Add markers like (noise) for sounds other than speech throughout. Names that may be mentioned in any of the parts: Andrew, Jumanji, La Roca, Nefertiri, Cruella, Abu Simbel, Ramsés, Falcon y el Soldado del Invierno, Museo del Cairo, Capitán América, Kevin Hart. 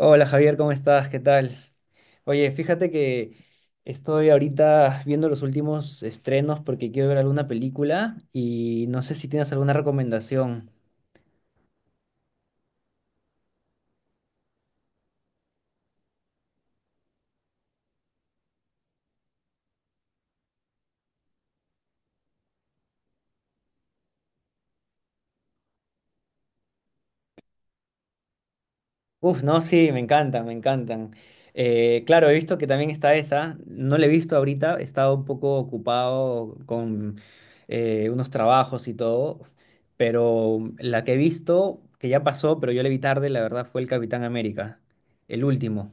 Hola Javier, ¿cómo estás? ¿Qué tal? Oye, fíjate que estoy ahorita viendo los últimos estrenos porque quiero ver alguna película y no sé si tienes alguna recomendación. Uf, no, sí, me encantan, me encantan. Claro, he visto que también está esa, no la he visto ahorita, he estado un poco ocupado con unos trabajos y todo, pero la que he visto, que ya pasó, pero yo la vi tarde, la verdad fue el Capitán América, el último.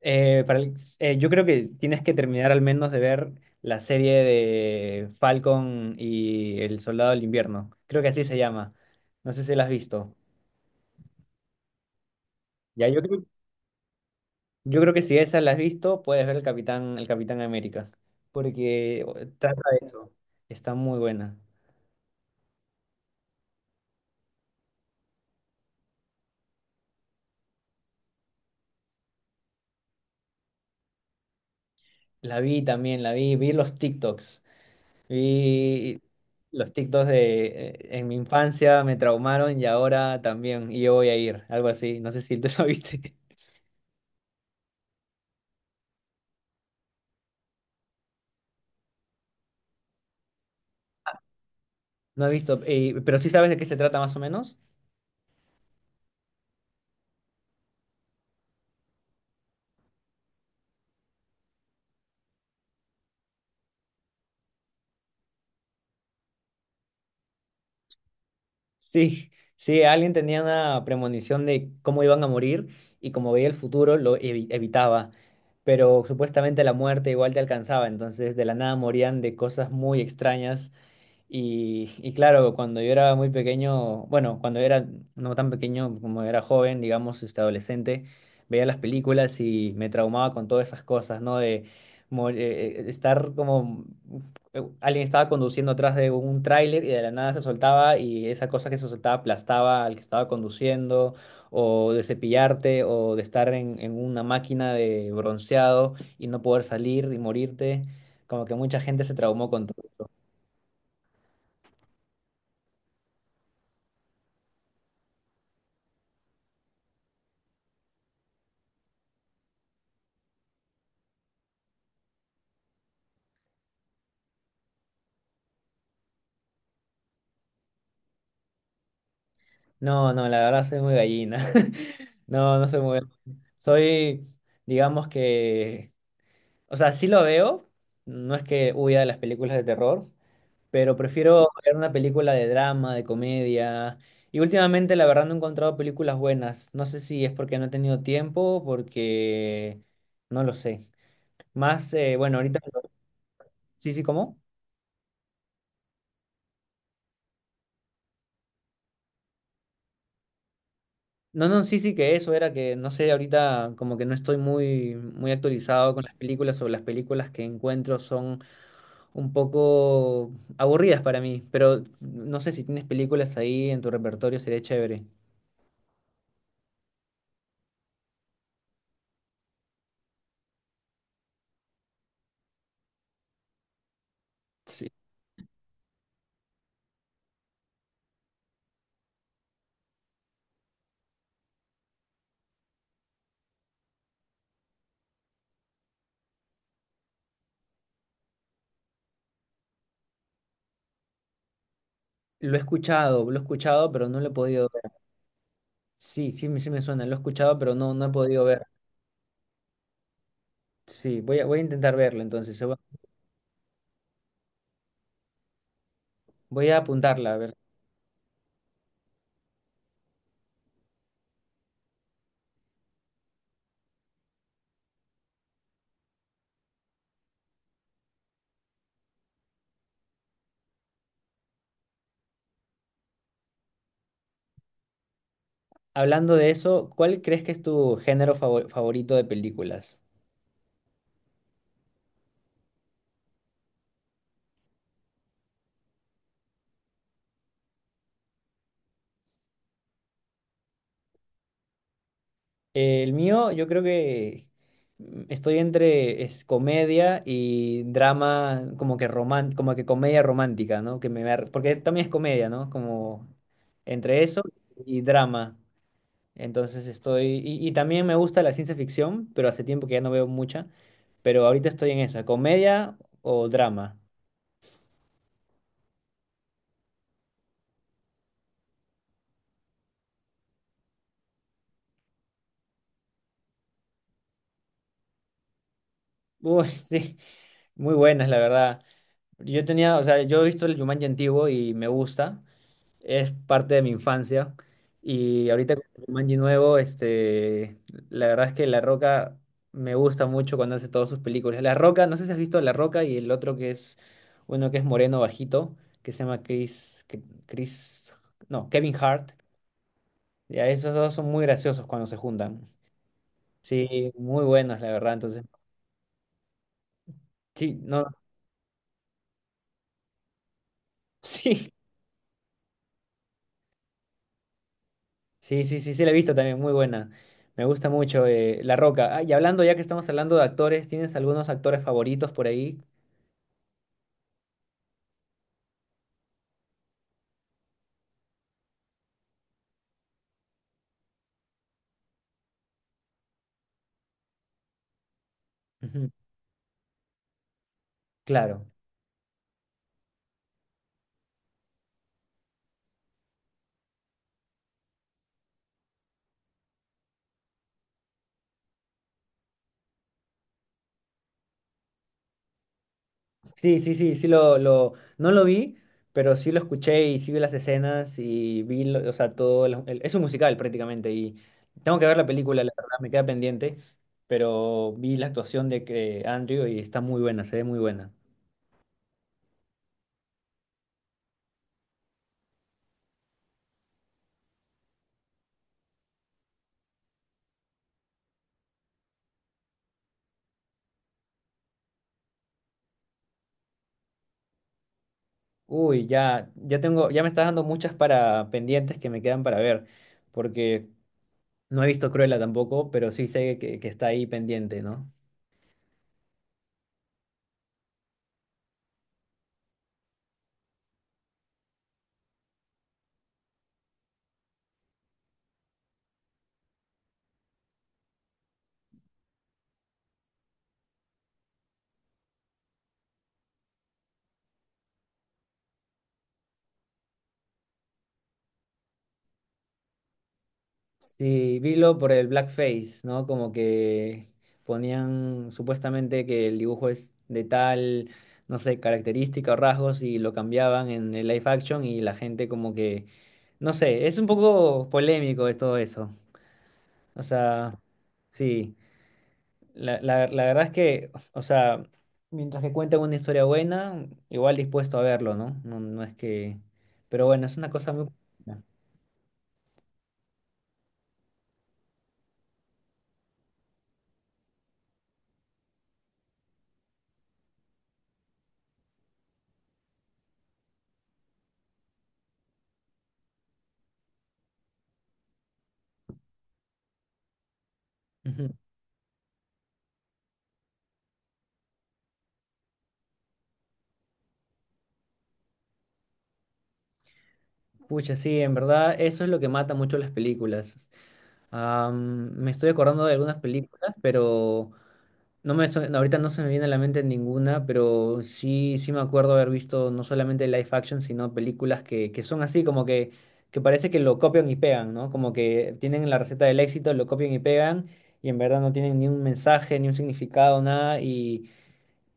Eh, para el- yo creo que tienes que terminar al menos de ver la serie de Falcon y el Soldado del Invierno. Creo que así se llama. No sé si la has visto. Ya, yo creo que si esa la has visto, puedes ver el Capitán América. Porque trata de eso. Está muy buena. La vi también, la vi, vi los TikToks. Vi los TikToks de en mi infancia me traumaron y ahora también. Y yo voy a ir, algo así. No sé si tú (laughs) lo viste. No he visto, pero sí sabes de qué se trata más o menos. Sí, sí, alguien tenía una premonición de cómo iban a morir y como veía el futuro lo evitaba, pero supuestamente la muerte igual te alcanzaba, entonces de la nada morían de cosas muy extrañas. Y claro, cuando yo era muy pequeño, bueno, cuando era no tan pequeño como era joven, digamos, este adolescente, veía las películas y me traumaba con todas esas cosas, ¿no? De estar como alguien estaba conduciendo atrás de un tráiler y de la nada se soltaba y esa cosa que se soltaba aplastaba al que estaba conduciendo, o de cepillarte, o de estar en una máquina de bronceado y no poder salir y morirte. Como que mucha gente se traumó con... No, no, la verdad soy muy gallina. (laughs) No, no soy muy... Soy, digamos que... O sea, sí lo veo. No es que huya de las películas de terror, pero prefiero ver una película de drama, de comedia. Y últimamente, la verdad, no he encontrado películas buenas. No sé si es porque no he tenido tiempo, porque... No lo sé. Más, bueno, ahorita... Sí, sí, ¿cómo? No, no, sí, sí, que eso era que, no sé, ahorita como que no estoy muy, muy actualizado con las películas o las películas que encuentro son un poco aburridas para mí, pero no sé si tienes películas ahí en tu repertorio, sería chévere. Sí, lo he escuchado, pero no lo he podido ver. Sí, sí, sí me suena, lo he escuchado, pero no, no he podido ver. Sí, voy a intentar verlo entonces, voy a apuntarla, a ver. Hablando de eso, ¿cuál crees que es tu género favorito de películas? El mío, yo creo que estoy entre es comedia y drama, como que como que comedia romántica, ¿no? Que me porque también es comedia, ¿no? Como entre eso y drama. Entonces estoy, y también me gusta la ciencia ficción, pero hace tiempo que ya no veo mucha, pero ahorita estoy en esa, comedia o drama. Uy, (laughs) sí, muy buenas, la verdad. Yo tenía, o sea, yo he visto el Jumanji antiguo y me gusta. Es parte de mi infancia. Y ahorita con el Jumanji nuevo, este, la verdad es que La Roca me gusta mucho cuando hace todas sus películas. La Roca, no sé si has visto La Roca y el otro que es uno que es moreno bajito, que se llama Chris, Chris, no, Kevin Hart. Ya, esos dos son muy graciosos cuando se juntan. Sí, muy buenos, la verdad. Entonces, sí, no, (laughs) sí. Sí, sí, sí, sí, la he visto también, muy buena. Me gusta mucho La Roca. Ah, y hablando, ya que estamos hablando de actores, ¿tienes algunos actores favoritos por ahí? Ujú. Claro. Sí, sí, sí, sí lo, no lo vi, pero sí lo escuché y sí vi las escenas y vi, o sea, todo, es un musical prácticamente y tengo que ver la película, la verdad, me queda pendiente, pero vi la actuación de que Andrew y está muy buena, se ve muy buena. Uy, ya, ya tengo, ya me estás dando muchas para pendientes que me quedan para ver. Porque no he visto Cruella tampoco, pero sí sé que está ahí pendiente, ¿no? Sí, vilo por el blackface, ¿no? Como que ponían supuestamente que el dibujo es de tal, no sé, característica o rasgos y lo cambiaban en el live action y la gente como que, no sé, es un poco polémico es todo eso. O sea, sí, la verdad es que, o sea, mientras que cuentan una historia buena, igual dispuesto a verlo, ¿no? No, no es que, pero bueno, es una cosa muy... Ujú. Pucha, sí, en verdad eso es lo que mata mucho las películas. Am, me estoy acordando de algunas películas, pero no me, ahorita no se me viene a la mente ninguna, pero sí, sí me acuerdo haber visto no solamente live action, sino películas que son así, como que parece que lo copian y pegan, ¿no? Como que tienen la receta del éxito, lo copian y pegan, y en verdad no tienen ni un mensaje, ni un significado, nada,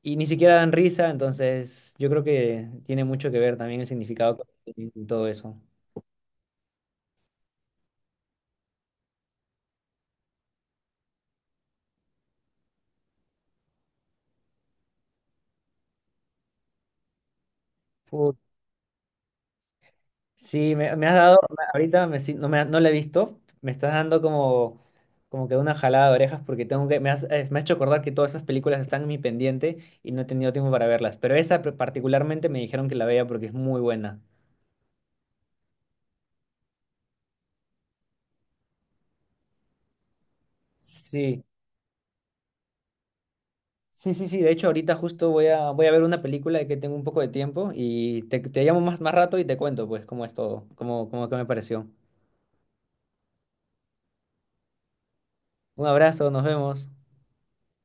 y ni siquiera dan risa, entonces yo creo que tiene mucho que ver también el significado que tiene todo eso. Sí, me has dado, ahorita me si- no, no la he visto, me estás dando como, como que una jalada de orejas porque tengo que, me has hecho acordar que todas esas películas están en mi pendiente y no he tenido tiempo para verlas, pero esa particularmente me dijeron que la vea porque es muy buena. Sí, sí, sí, sí, de hecho ahorita justo voy a, voy a ver una película de que tengo un poco de tiempo y te llamo más, más rato y te cuento pues cómo es todo, cómo, cómo que me pareció. Un abrazo, nos vemos.